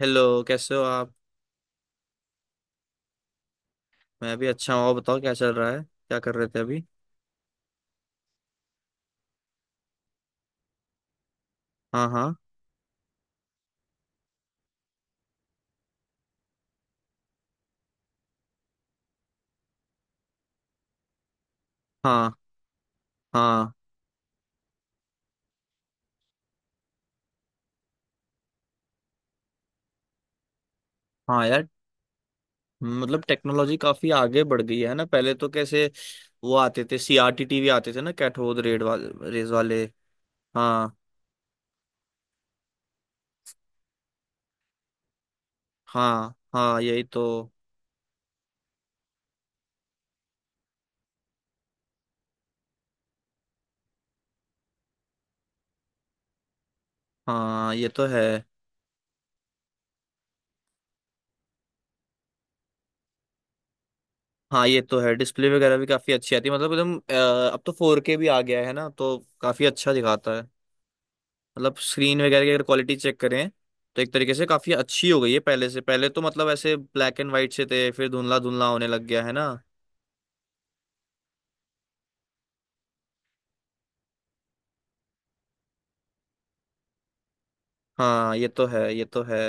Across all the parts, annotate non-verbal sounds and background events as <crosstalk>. Hello, कैसे हो आप? मैं भी अच्छा हूँ। और बताओ, क्या चल रहा है? क्या कर रहे थे अभी? हाँ हाँ, हाँ। हाँ, हाँ, यार। मतलब टेक्नोलॉजी काफी आगे बढ़ गई है ना। पहले तो कैसे वो आते थे, सीआरटी टीवी आते थे ना, कैथोड रेड वाले रेज वाले। हाँ हाँ। हाँ, यही तो। हाँ, ये तो है। हाँ, ये तो है। डिस्प्ले वगैरह भी काफी अच्छी आती है, मतलब एकदम अब तो 4K भी आ गया है ना, तो काफी अच्छा दिखाता है। मतलब स्क्रीन वगैरह की अगर क्वालिटी चेक करें, तो एक तरीके से काफी अच्छी हो गई है पहले से। पहले तो मतलब ऐसे ब्लैक एंड वाइट से थे, फिर धुंधला धुंधला होने लग गया है ना। हाँ, ये तो है, ये तो है।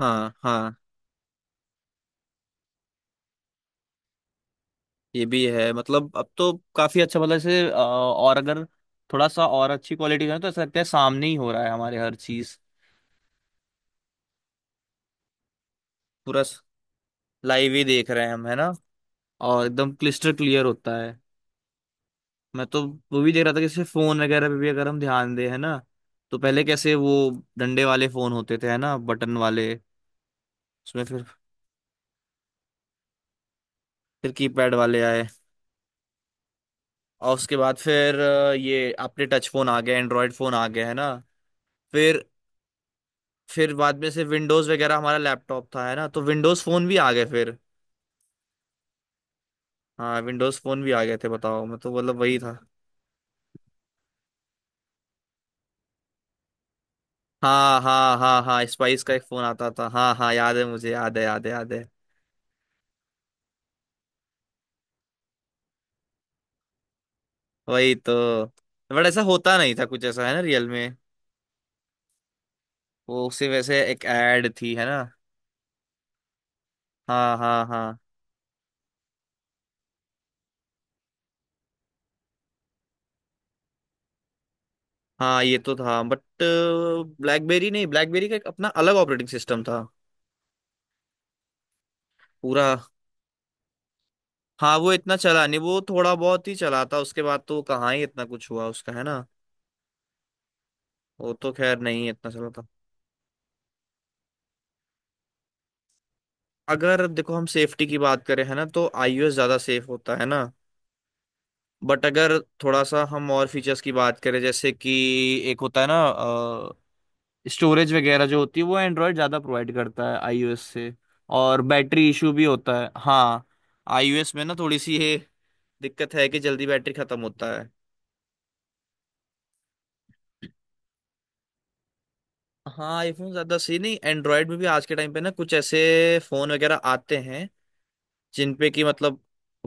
हाँ, हाँ। ये भी है, मतलब अब तो काफी अच्छा। मतलब ऐसे और अगर थोड़ा सा और अच्छी क्वालिटी का है, तो ऐसा लगता है सामने ही हो रहा है हमारे, हर चीज। पूरा लाइव ही देख रहे हैं हम, है ना। और एकदम क्लिस्टर क्लियर होता है। मैं तो वो भी देख रहा था कि जैसे फोन वगैरह पे भी अगर हम ध्यान दें, है ना, तो पहले कैसे वो डंडे वाले फोन होते थे, है ना, बटन वाले। उसमें फिर कीपैड वाले आए। और उसके बाद फिर ये अपने टच फोन आ गए, एंड्रॉयड फोन आ गए, है ना। फिर बाद में से विंडोज वगैरह हमारा लैपटॉप था, है ना, तो विंडोज फोन भी आ गए फिर। हाँ, विंडोज फोन भी आ गए थे, बताओ। मैं तो मतलब वही था। हाँ, हाँ, हाँ, हाँ, स्पाइस का एक फोन आता था। हाँ, हाँ, याद है। मुझे याद है, याद है, याद है। वही तो। बट ऐसा होता नहीं था कुछ ऐसा, है ना, रियल में। वो सिर्फ ऐसे एक एड थी, है ना। हाँ, हाँ, हाँ, हाँ, ये तो था। बट ब्लैकबेरी नहीं, ब्लैकबेरी का एक अपना अलग ऑपरेटिंग सिस्टम था। पूरा। हाँ, वो इतना चला नहीं, वो थोड़ा बहुत ही चला था। उसके बाद तो कहाँ ही इतना कुछ हुआ उसका, है ना। वो तो खैर नहीं इतना चला था। अगर देखो हम सेफ्टी की बात करें, है ना, तो आईओएस ज्यादा सेफ होता है ना। बट अगर थोड़ा सा हम और फीचर्स की बात करें, जैसे कि एक होता है ना, स्टोरेज वगैरह जो होती है, वो एंड्रॉयड ज़्यादा प्रोवाइड करता है आईओएस से। और बैटरी इशू भी होता है, हाँ। आईओएस में ना थोड़ी सी ये दिक्कत है कि जल्दी बैटरी खत्म होता है। हाँ, आईफोन ज़्यादा सही नहीं, एंड्रॉयड में भी आज के टाइम पे ना कुछ ऐसे फ़ोन वगैरह आते हैं जिन पे कि मतलब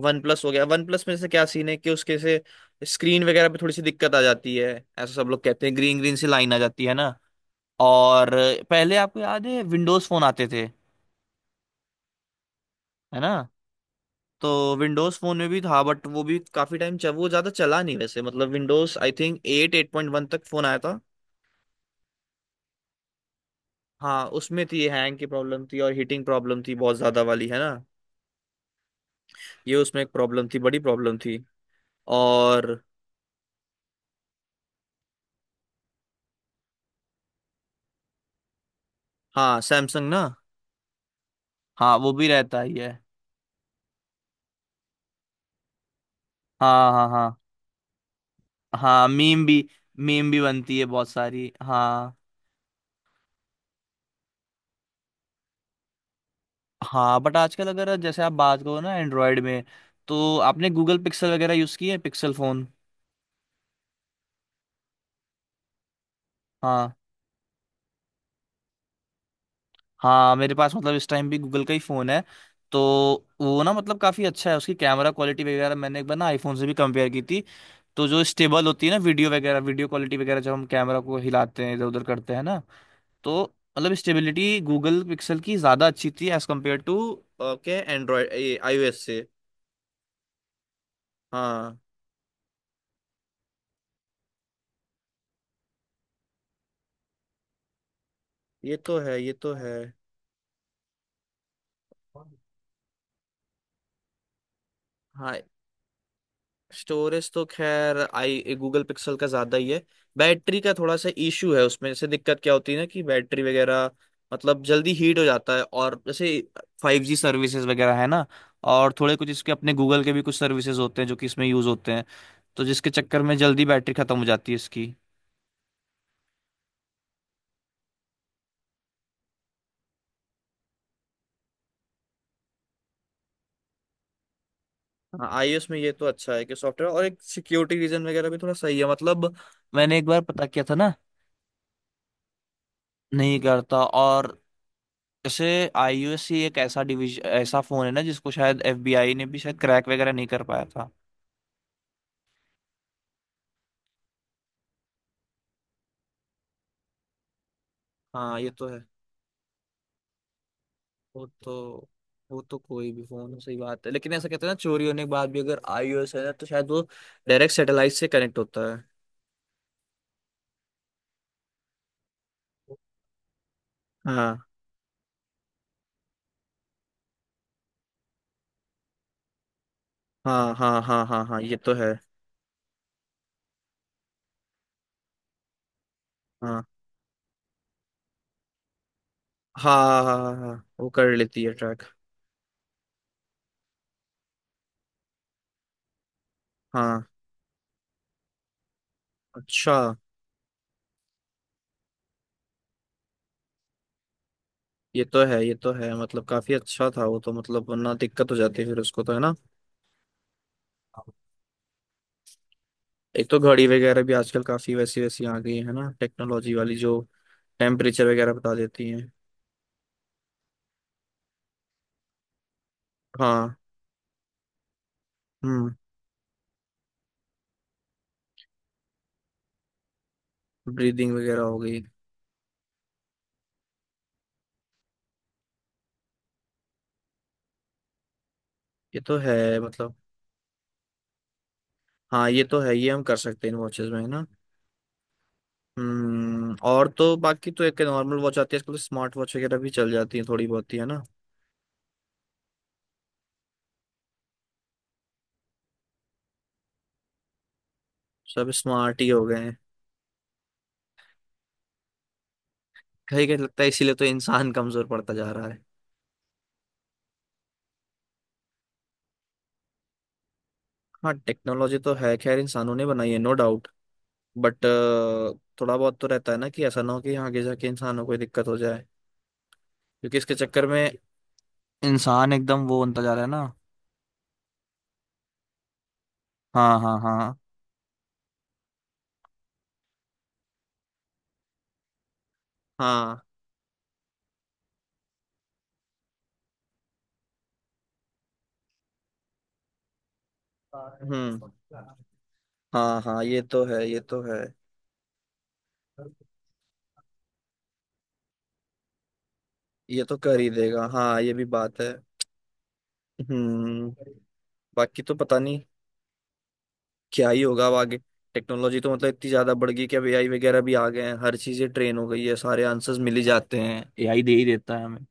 वन प्लस हो गया। वन प्लस में से क्या सीन है कि उसके से स्क्रीन वगैरह पे थोड़ी सी दिक्कत आ जाती है, ऐसा सब लोग कहते हैं। ग्रीन ग्रीन सी लाइन आ जाती है ना। और पहले आपको याद है विंडोज़ फ़ोन आते थे, है ना, तो विंडोज फोन में भी था। बट वो भी काफी टाइम चल, वो ज्यादा चला नहीं वैसे। मतलब Windows I think eight eight point one तक फोन आया था। हाँ, उसमें थी, हैंग की प्रॉब्लम थी, और हीटिंग प्रॉब्लम थी बहुत ज्यादा वाली, है ना। ये उसमें एक प्रॉब्लम थी, बड़ी प्रॉब्लम थी। और हाँ, सैमसंग ना। हाँ, वो भी रहता ही है। हाँ, हाँ, हाँ, हाँ, मीम भी, मीम भी बनती है बहुत सारी, हाँ, हाँ। बट आजकल अगर जैसे आप बात करो ना, एंड्रॉयड में, तो आपने गूगल पिक्सल वगैरह यूज की है, पिक्सल फोन? हाँ, हाँ, मेरे पास मतलब इस टाइम भी गूगल का ही फ़ोन है तो। वो ना मतलब काफ़ी अच्छा है। उसकी कैमरा क्वालिटी वगैरह मैंने एक बार ना आईफोन से भी कंपेयर की थी, तो जो स्टेबल होती है ना वीडियो वगैरह, वीडियो क्वालिटी वगैरह जब हम कैमरा को हिलाते हैं इधर उधर करते हैं ना, तो मतलब स्टेबिलिटी गूगल पिक्सल की ज़्यादा अच्छी थी, एज़ कम्पेयर टू क्या, एंड्रॉयड आईओएस से। हाँ, ये तो है, ये तो है। हाँ, स्टोरेज तो खैर आई गूगल पिक्सल का ज्यादा ही है। बैटरी का थोड़ा सा इशू है उसमें। जैसे दिक्कत क्या होती है ना कि बैटरी वगैरह मतलब जल्दी हीट हो जाता है, और जैसे 5G सर्विसेज वगैरह है ना, और थोड़े कुछ इसके अपने गूगल के भी कुछ सर्विसेज होते हैं जो कि इसमें यूज होते हैं, तो जिसके चक्कर में जल्दी बैटरी खत्म हो जाती है इसकी। हाँ, आईओएस में ये तो अच्छा है कि सॉफ्टवेयर और एक सिक्योरिटी रीजन वगैरह भी थोड़ा सही है, मतलब मैंने एक बार पता किया था ना। नहीं करता। और जैसे आईयूसी एक ऐसा डिवीजन, ऐसा फोन है ना, जिसको शायद एफबीआई ने भी शायद क्रैक वगैरह नहीं कर पाया था। हाँ, ये तो है। वो तो वो तो कोई भी फोन सही बात है, लेकिन ऐसा कहते हैं ना चोरी होने के बाद भी अगर आईओएस है ना, तो शायद वो डायरेक्ट सैटेलाइट से कनेक्ट होता है। हाँ, हाँ, हाँ, हाँ, हाँ, हाँ ये तो है। हाँ, हाँ, हाँ, हाँ, हाँ, हाँ, वो कर लेती है ट्रैक। हाँ। अच्छा। ये तो है, ये तो है, मतलब काफी अच्छा था वो तो, मतलब वरना दिक्कत हो जाती है फिर उसको तो, है ना। एक तो घड़ी वगैरह भी आजकल काफी वैसी वैसी आ गई है ना, टेक्नोलॉजी वाली, जो टेम्परेचर वगैरह बता देती हैं। हाँ। हम्म। ब्रीदिंग वगैरह हो गई। ये तो है, मतलब। हाँ, ये तो है, ये हम कर सकते हैं इन वॉचेस में, है ना। हम्म। और तो बाकी तो एक नॉर्मल वॉच आती है आजकल, स्मार्ट वॉच वगैरह भी चल जाती है थोड़ी बहुत ही, है ना। सब स्मार्ट ही हो गए हैं। कहीं कहीं लगता है, इसीलिए तो इंसान <laughs> कमजोर पड़ता जा रहा है। हाँ, टेक्नोलॉजी तो है खैर इंसानों ने बनाई है, नो डाउट। बट थोड़ा बहुत तो रहता है ना कि ऐसा ना हो कि आगे जाके इंसानों को कोई दिक्कत हो जाए, क्योंकि इसके चक्कर में इंसान एकदम वो बनता जा रहा है ना। हाँ, हाँ, हाँ, हाँ। हम्म। हाँ, हाँ, ये तो है, ये तो है। ये तो कर ही देगा, हाँ, ये भी बात है। हम्म। बाकी तो पता नहीं क्या ही होगा अब आगे। टेक्नोलॉजी तो मतलब इतनी ज्यादा बढ़ गई कि अब एआई वगैरह भी आ गए हैं, हर चीजें ट्रेन हो गई है, सारे आंसर्स मिल ही जाते हैं, एआई दे ही देता है हमें।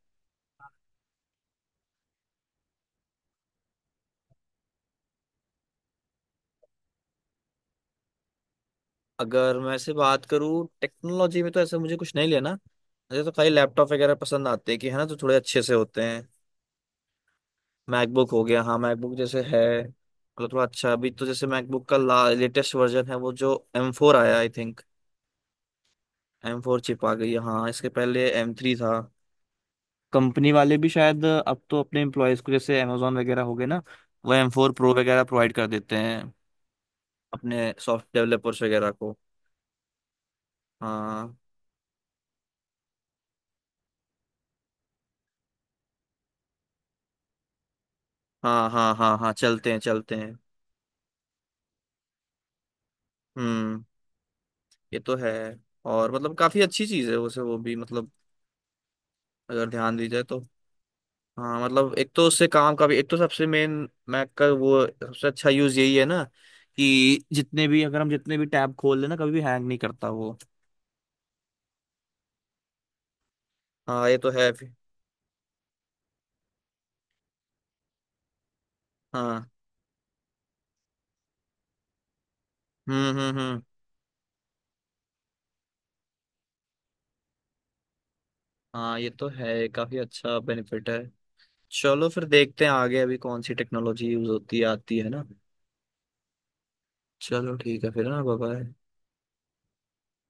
अगर मैं से बात करूँ टेक्नोलॉजी में, तो ऐसा मुझे कुछ नहीं लेना। मुझे तो खाली लैपटॉप वगैरह पसंद आते हैं, कि है ना, तो थोड़े अच्छे से होते हैं। मैकबुक हो गया, हाँ, मैकबुक जैसे है, मतलब थोड़ा अच्छा। अभी तो जैसे मैकबुक का ला लेटेस्ट वर्जन है, वो जो एम फोर आया, I think. M four chip आ गई है, हाँ, इसके पहले M3 था। कंपनी वाले भी शायद अब तो अपने एम्प्लॉयज को, जैसे अमेजोन वगैरह हो गए ना, वो एम फोर प्रो वगैरह प्रोवाइड कर देते हैं अपने सॉफ्ट डेवलपर्स वगैरह को। हाँ, हाँ, हाँ, हाँ, हाँ, चलते हैं, चलते हैं। हम्म, ये तो है। और मतलब काफी अच्छी चीज है वैसे वो भी, मतलब अगर ध्यान दी जाए तो। हाँ, मतलब एक तो उससे काम का भी, एक तो सबसे मेन मैक का वो सबसे अच्छा यूज यही है ना, कि जितने भी, अगर हम जितने भी टैब खोल लेना, कभी भी हैंग नहीं करता वो। हाँ, ये तो है। फिर हाँ, हम्म, हम्म, हम्म। हाँ, ये तो है, काफी अच्छा बेनिफिट है। चलो, फिर देखते हैं आगे अभी कौन सी टेक्नोलॉजी यूज होती है, आती है ना। चलो, ठीक है फिर ना, बाय बाय।